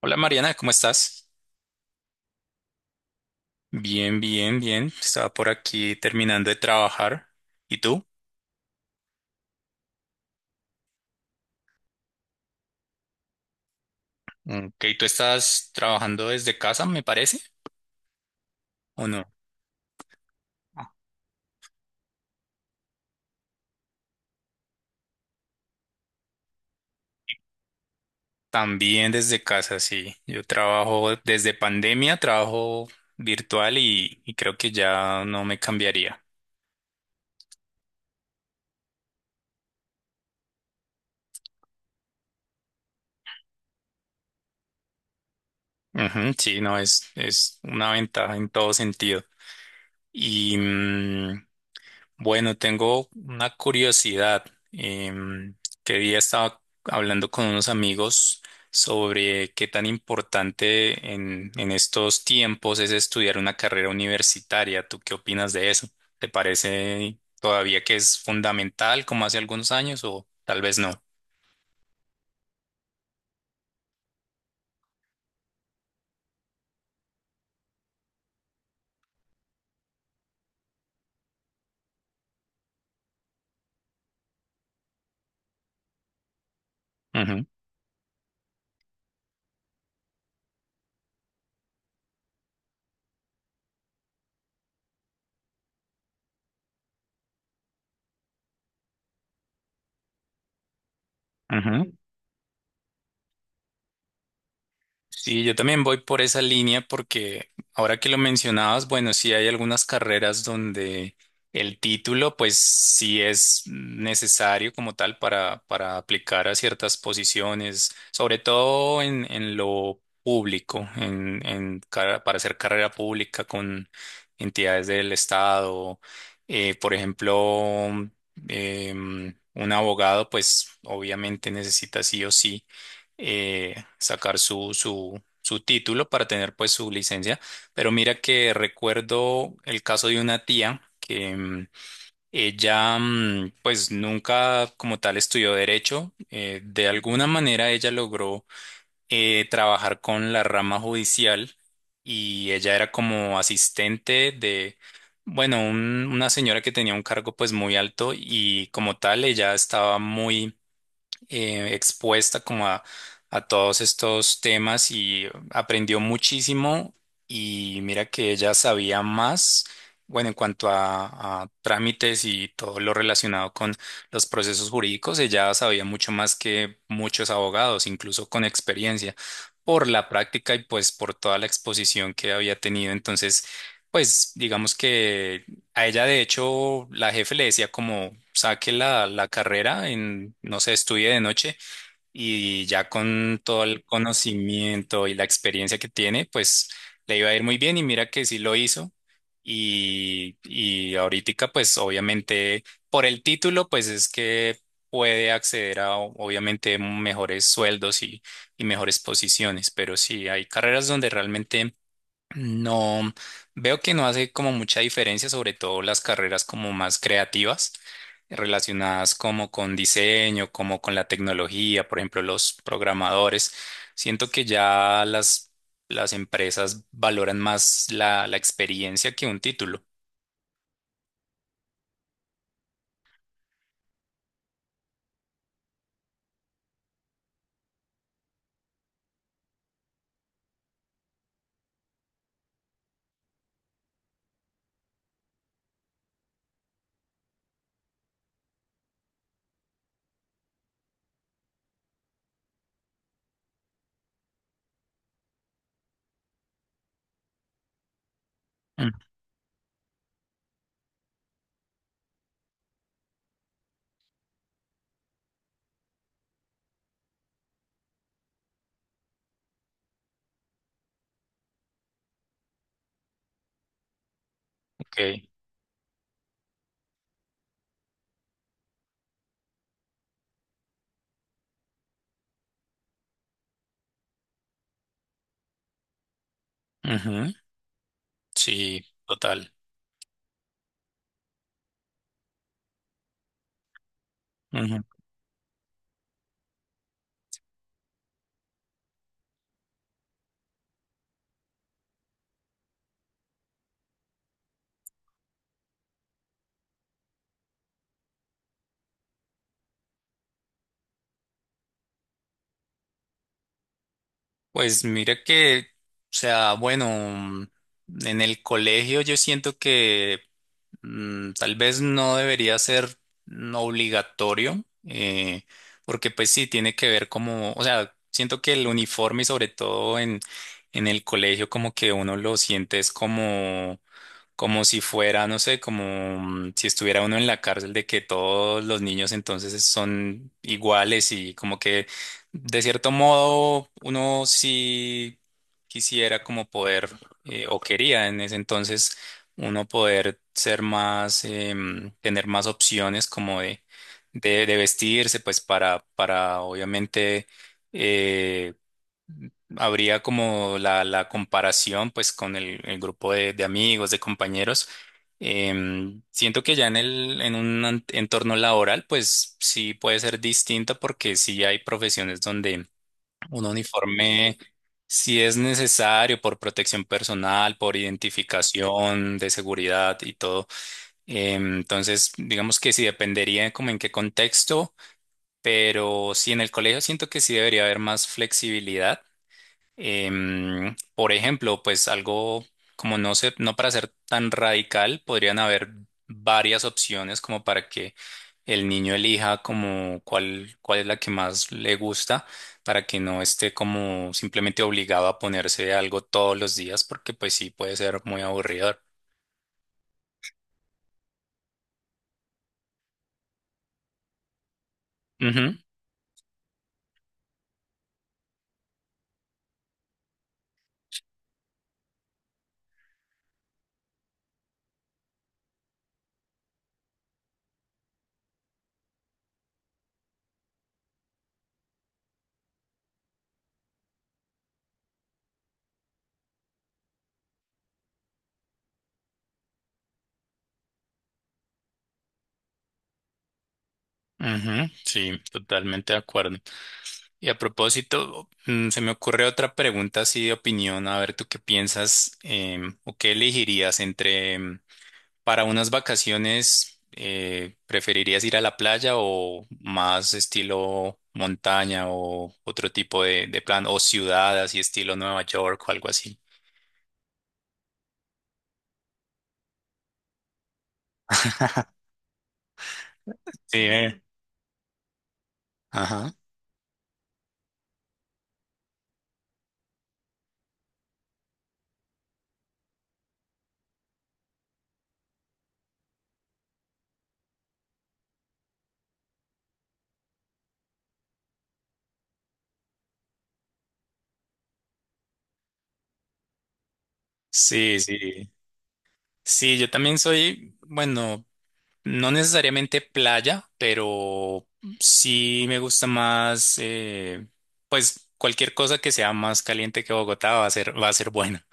Hola Mariana, ¿cómo estás? Bien, bien, bien. Estaba por aquí terminando de trabajar. ¿Y tú? Ok, ¿tú estás trabajando desde casa, me parece? ¿O no? Ah. También desde casa, sí. Yo trabajo desde pandemia, trabajo virtual y creo que ya no me cambiaría. Ujú, sí, no, es una ventaja en todo sentido. Y, mm, Bueno, tengo una curiosidad. Em, que día estaba hablando con unos amigos sobre qué tan importante en estos tiempos es estudiar una carrera universitaria. ¿Tú qué opinas de eso? ¿Te parece todavía que es fundamental como hace algunos años o tal vez no? Ujú, ujú. Sí, yo también voy por esa línea porque ahora que lo mencionabas, bueno, sí hay algunas carreras donde el título pues sí es necesario como tal para aplicar a ciertas posiciones, sobre todo en lo público, en para hacer carrera pública con entidades del Estado, por ejemplo, un abogado pues obviamente necesita sí o sí, sacar su título para tener pues su licencia. Pero mira que recuerdo el caso de una tía que, ella, pues nunca como tal estudió derecho. De alguna manera ella logró, trabajar con la rama judicial, y ella era como asistente de. Bueno, una señora que tenía un cargo pues muy alto y como tal ella estaba muy, expuesta como a todos estos temas y aprendió muchísimo, y mira que ella sabía más, bueno, en cuanto a trámites y todo lo relacionado con los procesos jurídicos, ella sabía mucho más que muchos abogados, incluso con experiencia, por la práctica y pues por toda la exposición que había tenido. Entonces, pues digamos que. A ella, de hecho, la jefe le decía como saque la carrera en, no sé, estudie de noche, y ya con todo el conocimiento y la experiencia que tiene, pues le iba a ir muy bien, y mira que sí lo hizo. Y ahorita, pues obviamente, por el título, pues es que puede acceder a obviamente mejores sueldos, y mejores posiciones, pero sí, hay carreras donde realmente no, veo que no hace como mucha diferencia, sobre todo las carreras como más creativas, relacionadas como con diseño, como con la tecnología, por ejemplo, los programadores. Siento que ya las empresas valoran más la experiencia que un título. Mm, ok. Ujú, sí, total. Ujú. Pues mira que, o sea, bueno, en el colegio yo siento que, tal vez no debería ser, obligatorio, porque pues sí, tiene que ver como, o sea, siento que el uniforme y sobre todo en el colegio como que uno lo siente es como si fuera, no sé, como, si estuviera uno en la cárcel de que todos los niños entonces son iguales y como que de cierto modo uno sí quisiera como poder, o quería en ese entonces uno poder ser más, tener más opciones como de vestirse pues para obviamente. eh, Habría como la comparación pues con el grupo de amigos, de compañeros. Siento que ya en un entorno laboral pues sí puede ser distinto porque sí hay profesiones donde un uniforme sí es necesario por protección personal, por identificación de seguridad y todo. Entonces digamos que sí dependería como en qué contexto, pero sí en el colegio siento que sí debería haber más flexibilidad. Por ejemplo, pues algo como no sé, no para ser tan radical, podrían haber varias opciones como para que el niño elija como cuál es la que más le gusta, para que no esté como simplemente obligado a ponerse algo todos los días, porque pues sí puede ser muy aburridor. Ujú, ujú, sí, totalmente de acuerdo. Y a propósito, se me ocurre otra pregunta así de opinión, a ver tú qué piensas, o qué elegirías entre. Para unas vacaciones, ¿preferirías ir a la playa o más estilo montaña o otro tipo de plan o ciudad así estilo Nueva York o algo así? Sí. Ajá. Sí, sí. Sí, yo también soy, bueno, no necesariamente playa, pero sí me gusta más, pues cualquier cosa que sea más caliente que Bogotá va a ser buena.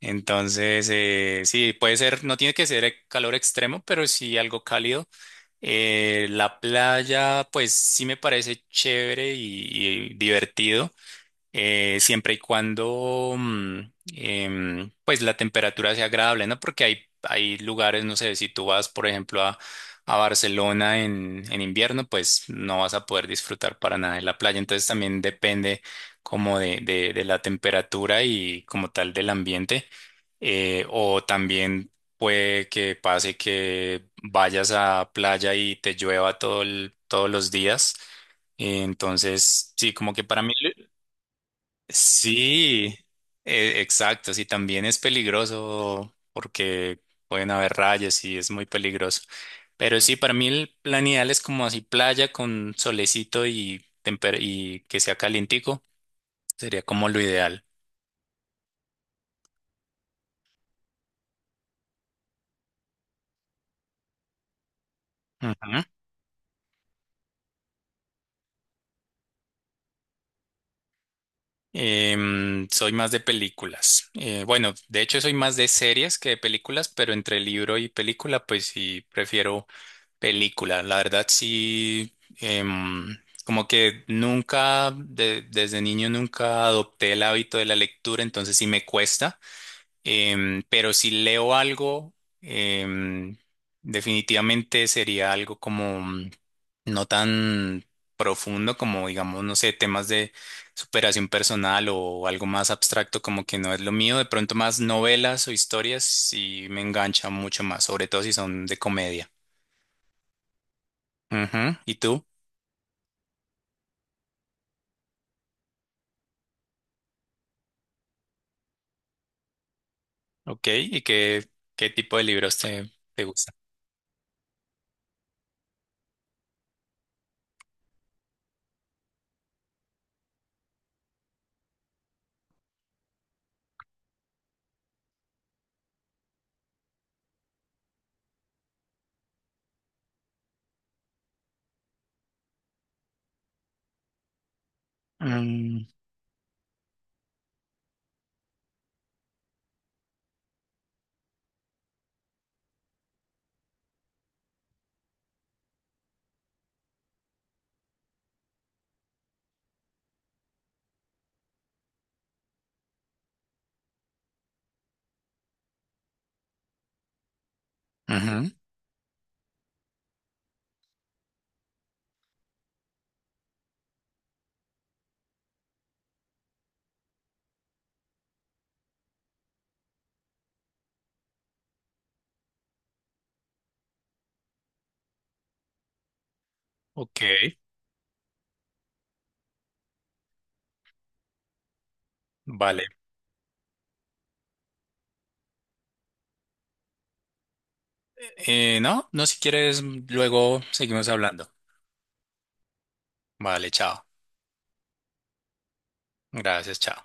Entonces, sí, puede ser, no tiene que ser, calor extremo, pero sí algo cálido. La playa, pues sí me parece chévere y divertido, siempre y cuando, pues la temperatura sea agradable, ¿no? Porque hay lugares, no sé, si tú vas, por ejemplo, a Barcelona en invierno, pues no vas a poder disfrutar para nada de la playa. Entonces también depende como de la temperatura y como tal del ambiente. O también puede que pase que vayas a playa y te llueva todos los días. Entonces, sí, como que para mí. Sí, exacto, sí, también es peligroso porque pueden haber rayas y es muy peligroso. Pero sí, para mí el plan ideal es como así playa con solecito y que sea calientico, sería como lo ideal. Ujú. Soy más de películas. Bueno, de hecho soy más de series que de películas, pero entre libro y película, pues sí, prefiero película, la verdad sí, em, como que nunca, desde niño nunca adopté el hábito de la lectura, entonces sí me cuesta. Pero si leo algo, em, definitivamente sería algo como, no tan profundo como, digamos, no sé, temas de superación personal o algo más abstracto como que no es lo mío, de pronto más novelas o historias sí me engancha mucho más, sobre todo si son de comedia. Ujú, ¿y tú? Ok, ¿y qué tipo de libros te gustan? Mm, ujú, ok, vale. No, no, si quieres, luego seguimos hablando. Vale, chao. Gracias, chao.